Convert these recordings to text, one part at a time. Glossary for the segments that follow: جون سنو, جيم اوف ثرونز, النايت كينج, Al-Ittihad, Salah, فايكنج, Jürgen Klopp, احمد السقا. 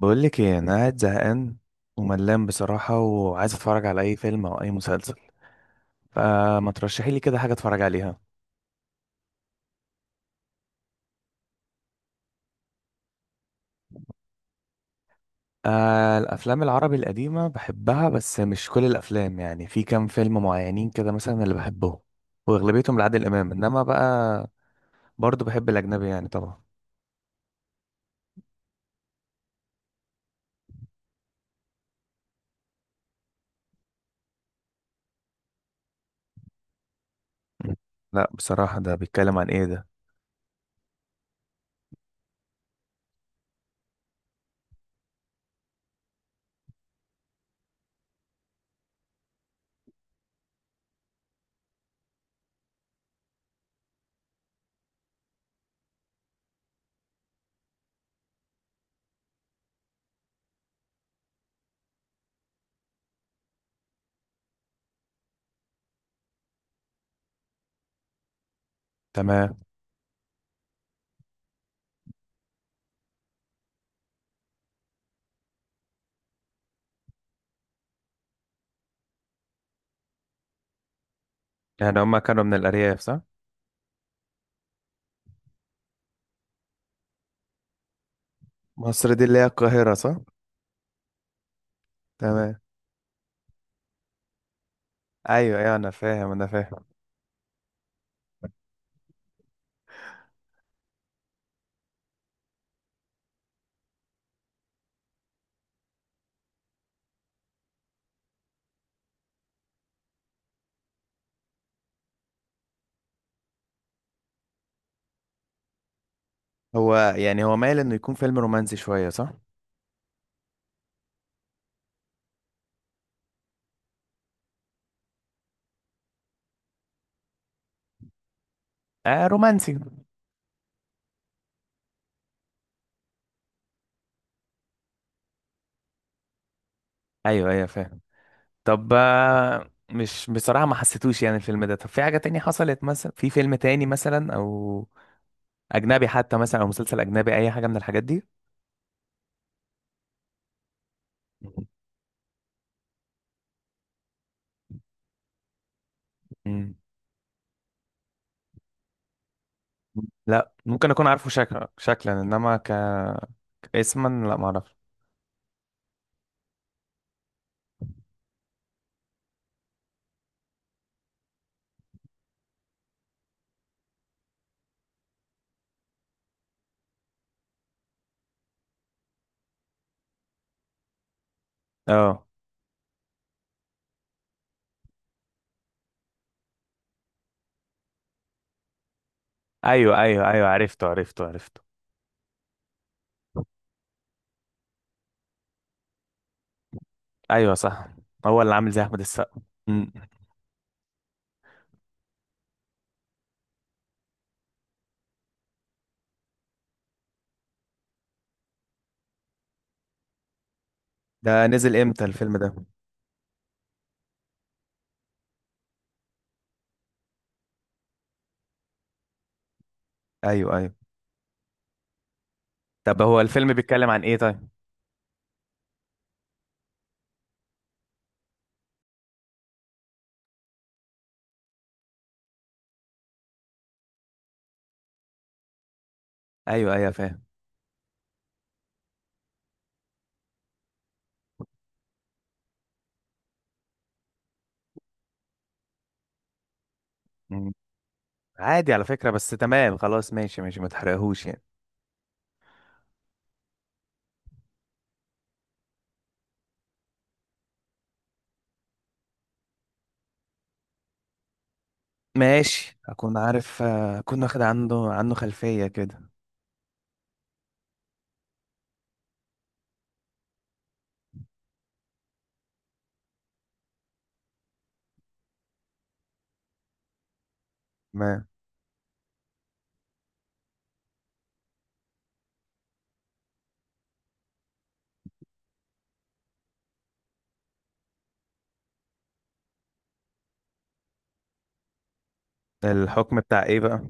بقول لك ايه، انا قاعد زهقان وملان بصراحه، وعايز اتفرج على اي فيلم او اي مسلسل، فما ترشحي لي كده حاجه اتفرج عليها. الافلام العربي القديمه بحبها، بس مش كل الافلام، يعني في كام فيلم معينين كده مثلا اللي بحبهم، واغلبيتهم لعادل امام، انما بقى برضو بحب الاجنبي يعني طبعا. م. لا بصراحه، ده بيتكلم عن ايه ده؟ تمام. يعني هما كانوا من الارياف، صح؟ مصر دي اللي هي القاهره، صح؟ تمام. ايوه ايوه، انا فاهم انا فاهم. هو يعني هو مايل انه يكون فيلم رومانسي شويه، صح؟ آه رومانسي. ايوه ايوه، فاهم. طب، مش بصراحه ما حسيتوش يعني الفيلم ده، طب في حاجه تانية حصلت مثلا، في فيلم تاني مثلا او اجنبي حتى مثلا، او مسلسل اجنبي، اي حاجه من الحاجات دي. مم. لا، ممكن اكون عارفه شكلا شكلا، انما اسما لا ما اعرفش. اه، ايوه ايوه ايوه، عرفته عرفته عرفته. ايوه صح، هو اللي عامل زي احمد السقا. مم. ده نزل امتى الفيلم ده؟ ايوه ايوه. طب هو الفيلم بيتكلم عن ايه طيب؟ ايوه ايوه فاهم. مم. عادي على فكرة، بس تمام خلاص، ماشي ماشي، ما تحرقهوش يعني. ماشي، اكون عارف، اكون واخد عنده عنه خلفية كده. ما الحكم بتاع ايه بقى؟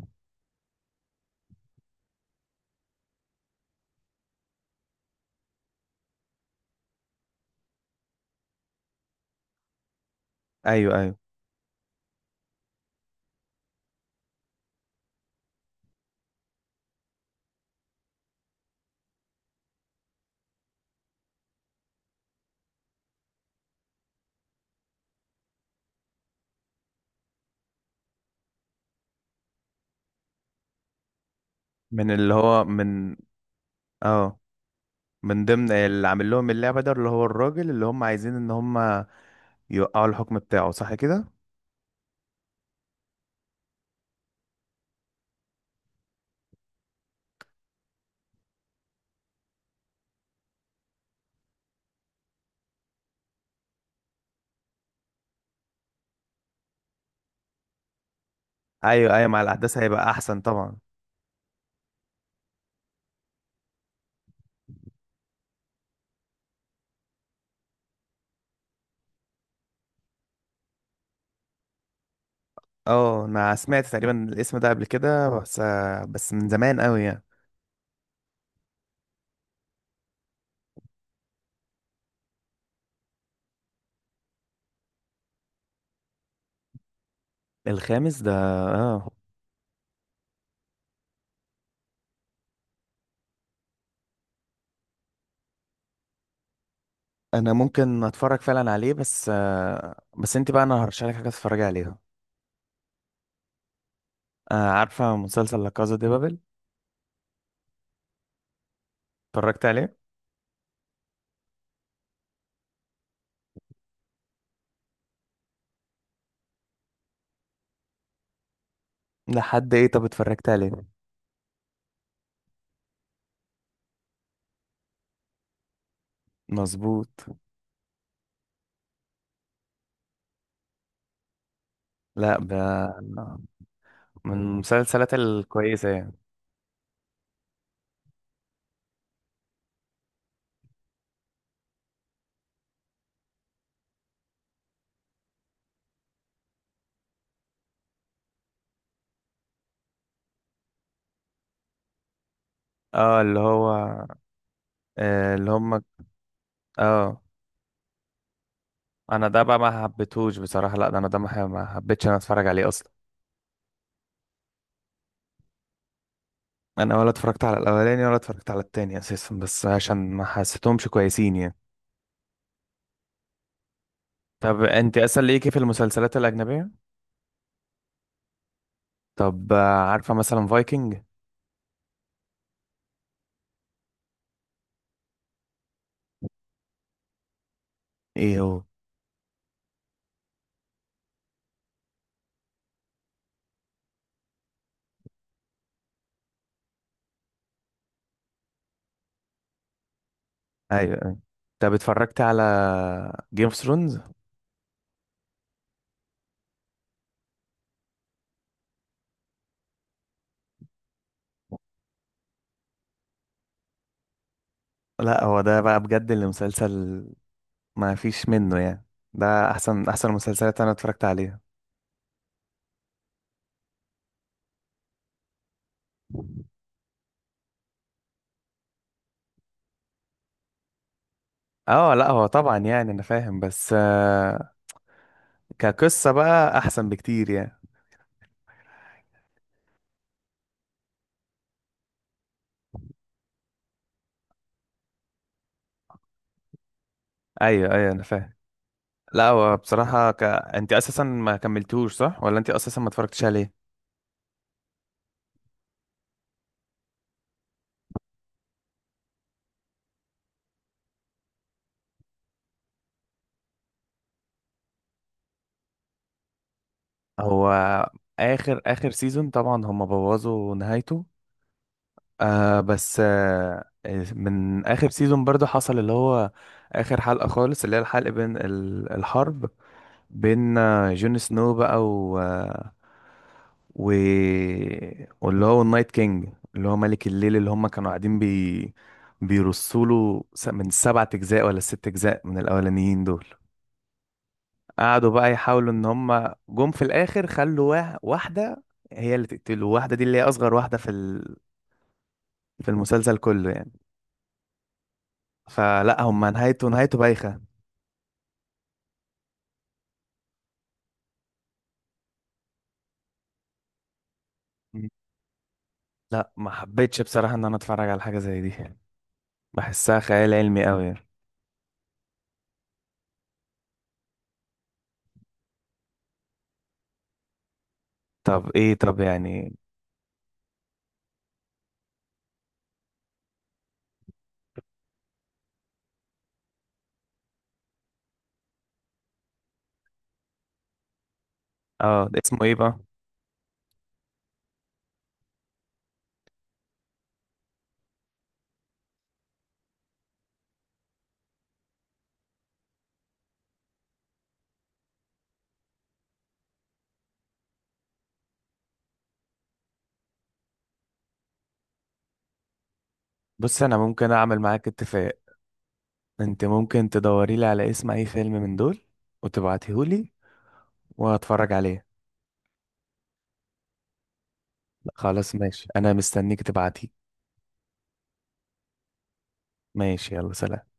ايوه ايوه. من اللي هو من؟ اه. من ضمن اللي عامل لهم اللعبة ده اللي هو الراجل اللي هم عايزين ان هم يوقعوا الحكم بتاعه، صح كده؟ ايوه ايوه، مع الاحداث هيبقى احسن طبعا. اه، انا سمعت تقريبا الاسم ده قبل كده، بس بس من زمان قوي يعني. الخامس ده؟ اه، انا ممكن اتفرج فعلا عليه، بس بس انت بقى، انا هرشح لك حاجه تتفرجي عليها. عارفه مسلسل لا كازا دي بابل؟ اتفرجت عليه؟ لحد ايه؟ طب اتفرجت عليه. مظبوط. لا ده من المسلسلات الكويسه يعني. اه اللي هو، آه اللي هم، اه انا ده بقى ما حبيتهوش بصراحه، لا ده انا ده، ما حبيتش انا اتفرج عليه اصلا. انا ولا اتفرجت على الاولاني، ولا اتفرجت على التاني اساسا، بس عشان ما حسيتهمش كويسين يعني. طب انت اصلا ليكي في المسلسلات الاجنبيه. طب عارفه مثلا فايكنج؟ ايه هو؟ ايوه ايوه. طب اتفرجت على جيم اوف ثرونز؟ لا هو ده بقى بجد اللي مسلسل ما فيش منه يعني، ده احسن احسن مسلسلات انا اتفرجت عليها. اه لا هو طبعا يعني انا فاهم، بس كقصه بقى احسن بكتير يعني. ايوه ايوه انا فاهم. لا هو بصراحه انت اساسا ما كملتوش، صح؟ ولا انت اساسا ما اتفرجتش عليه؟ هو اخر اخر سيزون طبعا هم بوظوا نهايته. آه بس آه من اخر سيزون برضو حصل اللي هو اخر حلقة خالص، اللي هي الحلقة بين الحرب بين جون سنو بقى و آه، و واللي هو النايت كينج، اللي هو ملك الليل، اللي هم كانوا قاعدين بيرصوا له من سبعة اجزاء ولا ست اجزاء من الاولانيين دول. قعدوا بقى يحاولوا ان هم جم في الاخر، خلوا واحده هي اللي تقتله، واحده دي اللي هي اصغر واحده في في المسلسل كله يعني. فلا هم نهايته نهايته بايخه. مم. لا ما حبيتش بصراحه ان انا اتفرج على حاجه زي دي، بحسها خيال علمي قوي يعني. طب ايه؟ طب يعني اه ده اسمه ايه بقى؟ بص، انا ممكن اعمل معاك اتفاق. انت ممكن تدوري لي على اسم اي فيلم من دول وتبعتيه لي، وهتفرج عليه. خلاص ماشي، انا مستنيك تبعتيه. ماشي، يلا سلام.